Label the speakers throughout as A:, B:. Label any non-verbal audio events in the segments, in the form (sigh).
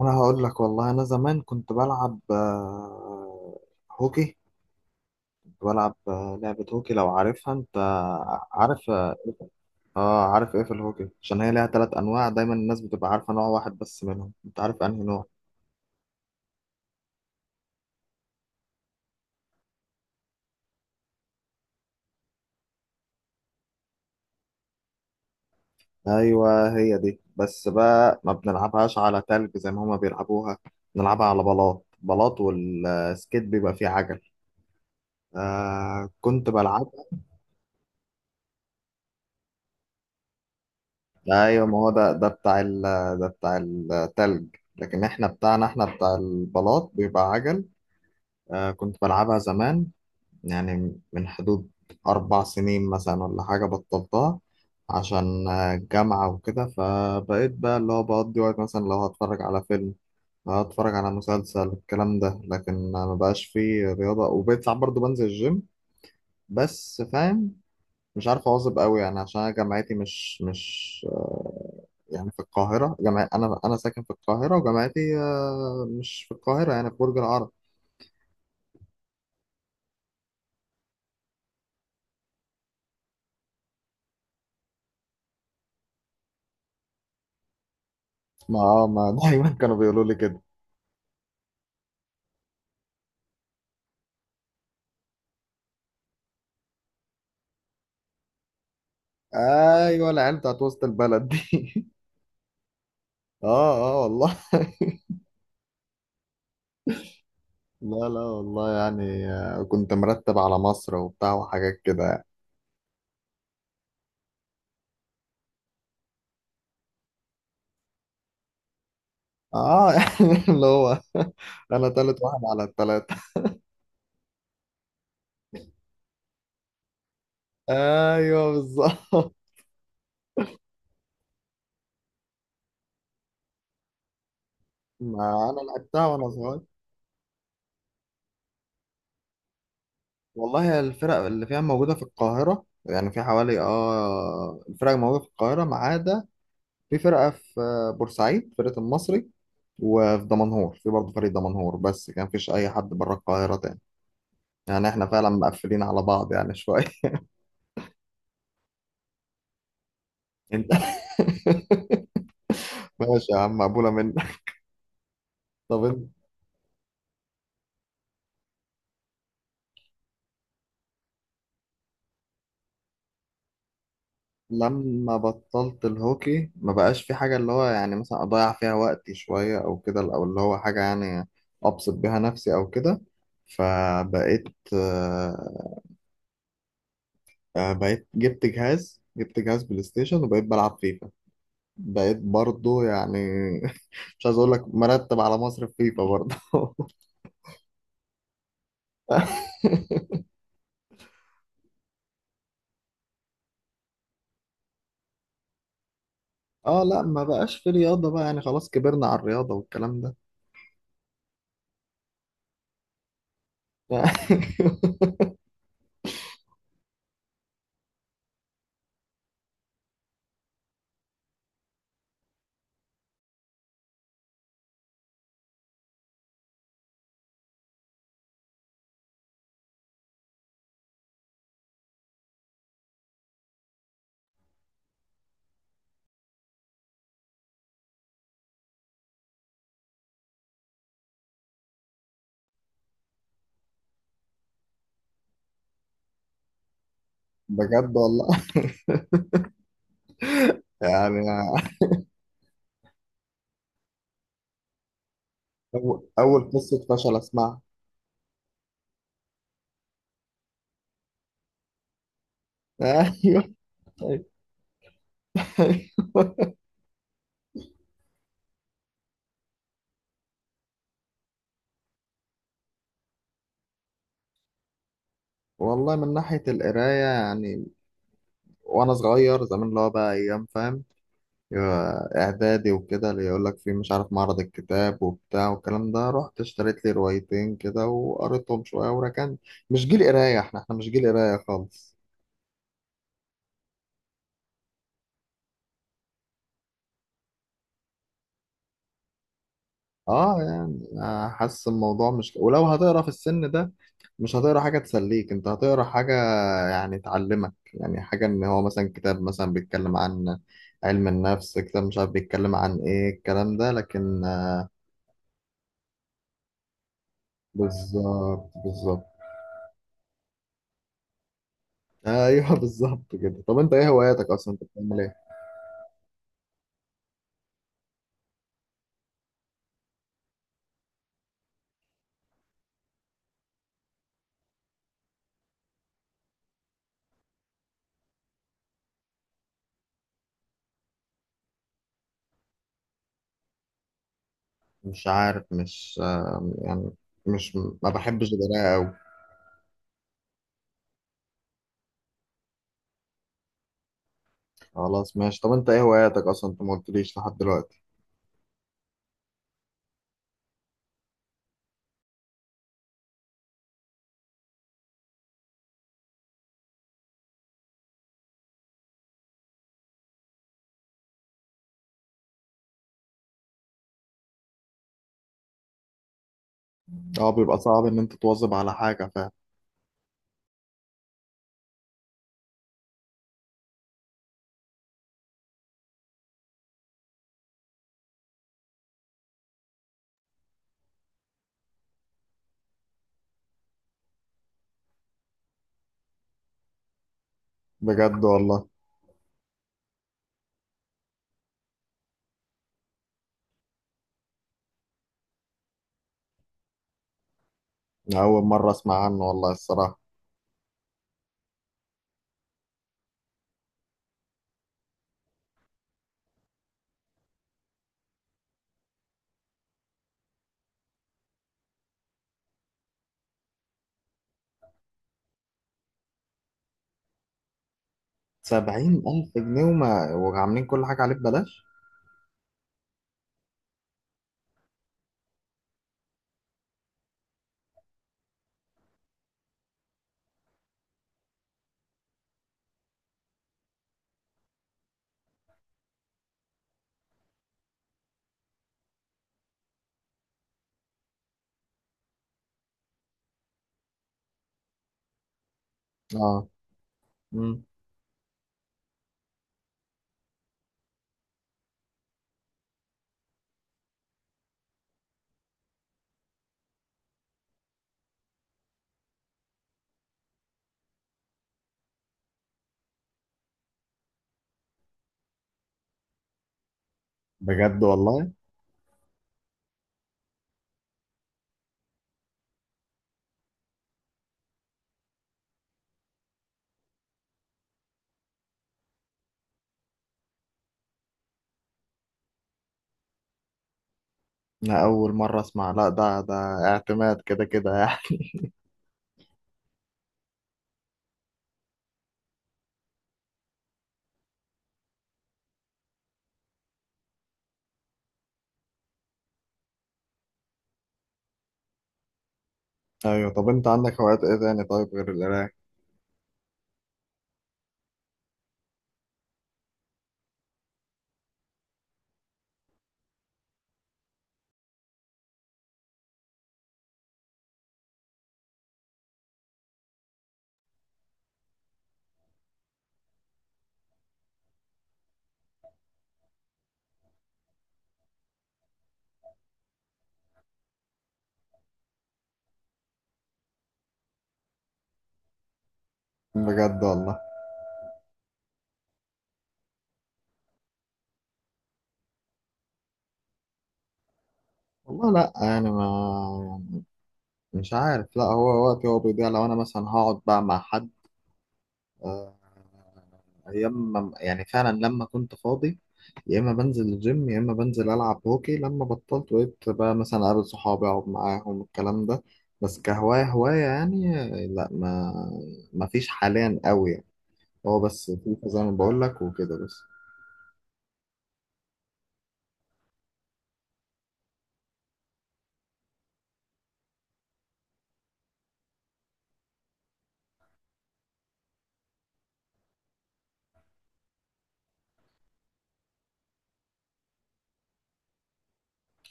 A: انا هقول لك والله. انا زمان كنت بلعب هوكي. كنت بلعب لعبة هوكي لو عارفها. انت عارف اه. عارف ايه في الهوكي؟ عشان هي ليها 3 انواع، دايما الناس بتبقى عارفة نوع واحد بس منهم. انت عارف انهي نوع؟ ايوه، هي دي، بس بقى ما بنلعبهاش على تلج زي ما هما بيلعبوها. بنلعبها على بلاط بلاط، والسكيت بيبقى فيه عجل. آه كنت بلعب. ايوه، ما هو ده بتاع ال ده بتاع التلج، لكن احنا بتاعنا، احنا بتاع البلاط بيبقى عجل. آه كنت بلعبها زمان، يعني من حدود 4 سنين مثلا ولا حاجه بطلتها عشان الجامعه وكده. فبقيت بقى اللي هو بقضي وقت، مثلا لو هتفرج على فيلم، لو هتفرج على مسلسل، الكلام ده. لكن ما بقاش فيه رياضه، وبقيت ساعات برضه بنزل الجيم بس، فاهم؟ مش عارف اواظب قوي يعني، عشان انا جامعتي مش يعني في القاهره. جامع انا ساكن في القاهره، وجامعتي مش في القاهره، يعني في برج العرب. ما (laughs) دايما كانوا بيقولوا لي كده. ايوه، العيال بتاعت وسط البلد دي (laughs) اه اه والله (laughs) لا لا والله، يعني كنت مرتب على مصر وبتاع وحاجات كده يعني. اه (laughs) يعني اللي هو انا تالت واحد على التلاتة. (laughs) ايوه بالظبط. ما انا لعبتها وانا صغير. والله الفرق اللي فيها موجودة في القاهرة، يعني في حوالي اه الفرق موجودة في القاهرة ما عدا في فرقة في بورسعيد، فرقة المصري، وفي دمنهور في برضه فريق دمنهور. بس كان مفيش أي حد بره القاهرة تاني. يعني احنا فعلا مقفلين على بعض يعني شوية. (laughs) انت (laughs) ماشي يا عم، مقبولة منك. طب انت. لما بطلت الهوكي ما بقاش في حاجة، اللي هو يعني مثلا أضيع فيها وقتي شوية أو كده، أو اللي هو حاجة يعني أبسط بيها نفسي أو كده. فبقيت آه، بقيت جبت جهاز، جبت جهاز بلاي ستيشن، وبقيت بلعب فيفا. بقيت برضو يعني (laughs) مش عايز أقول لك مرتب على مصر في فيفا برضو. (laughs) اه لا، ما بقاش في رياضة بقى، يعني خلاص كبرنا على الرياضة والكلام ده. (laughs) بجد والله، يعني أول أول قصة فشل أسمعها. (laughs) أيوه أيوه. والله من ناحية القراية يعني، وأنا صغير زمان اللي هو بقى أيام، فاهم، إعدادي وكده، اللي يقول لك في مش عارف معرض الكتاب وبتاع والكلام ده، رحت اشتريت لي روايتين كده وقريتهم شوية وركنت. مش جيل قراية، احنا مش جيل قراية خالص. اه يعني حاسس الموضوع مش، ولو هتقرا في السن ده مش هتقرا حاجة تسليك، انت هتقرا حاجة يعني تعلمك، يعني حاجة ان هو مثلا كتاب مثلا بيتكلم عن علم النفس، كتاب مش عارف بيتكلم عن ايه الكلام ده، لكن بالظبط بالظبط. ايوه (laughs) بالظبط كده. طب انت ايه هواياتك اصلا؟ انت بتعمل ايه؟ مش عارف، مش يعني مش، ما بحبش القراءة قوي. خلاص ماشي. طب انت ايه هواياتك اصلا؟ انت ما قلتليش لحد دلوقتي. اه بيبقى صعب ان انت تواظب على حاجة فعلا. بجد والله. أنا أول مرة أسمع عنه والله الصراحة. 70000 جنيه، وما وعاملين كل حاجة عليه ببلاش؟ اه. مم. بجد والله؟ أنا أول مرة أسمع. لا ده ده اعتماد كده كده يعني. (laughs) أيوة. طب أنت عندك هوايات إيه تاني طيب غير القراية؟ بجد والله. والله لأ يعني ما مش عارف. لأ، هو وقتي بيضيع لو أنا مثلا هقعد بقى مع حد. آه، ايام ما، يعني فعلا لما كنت فاضي، يا اما بنزل الجيم يا اما بنزل العب هوكي. لما بطلت بقيت بقى مثلا اقابل صحابي، اقعد معاهم، الكلام ده. بس كهواية هواية يعني لا، ما فيش حاليا قوي يعني. هو بس فيفا زي ما بقول لك وكده بس.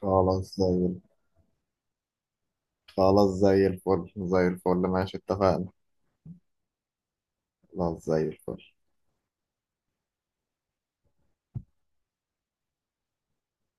A: خلاص زي خلاص زي الفل، زي الفل ماشي اتفقنا. خلاص زي الفل.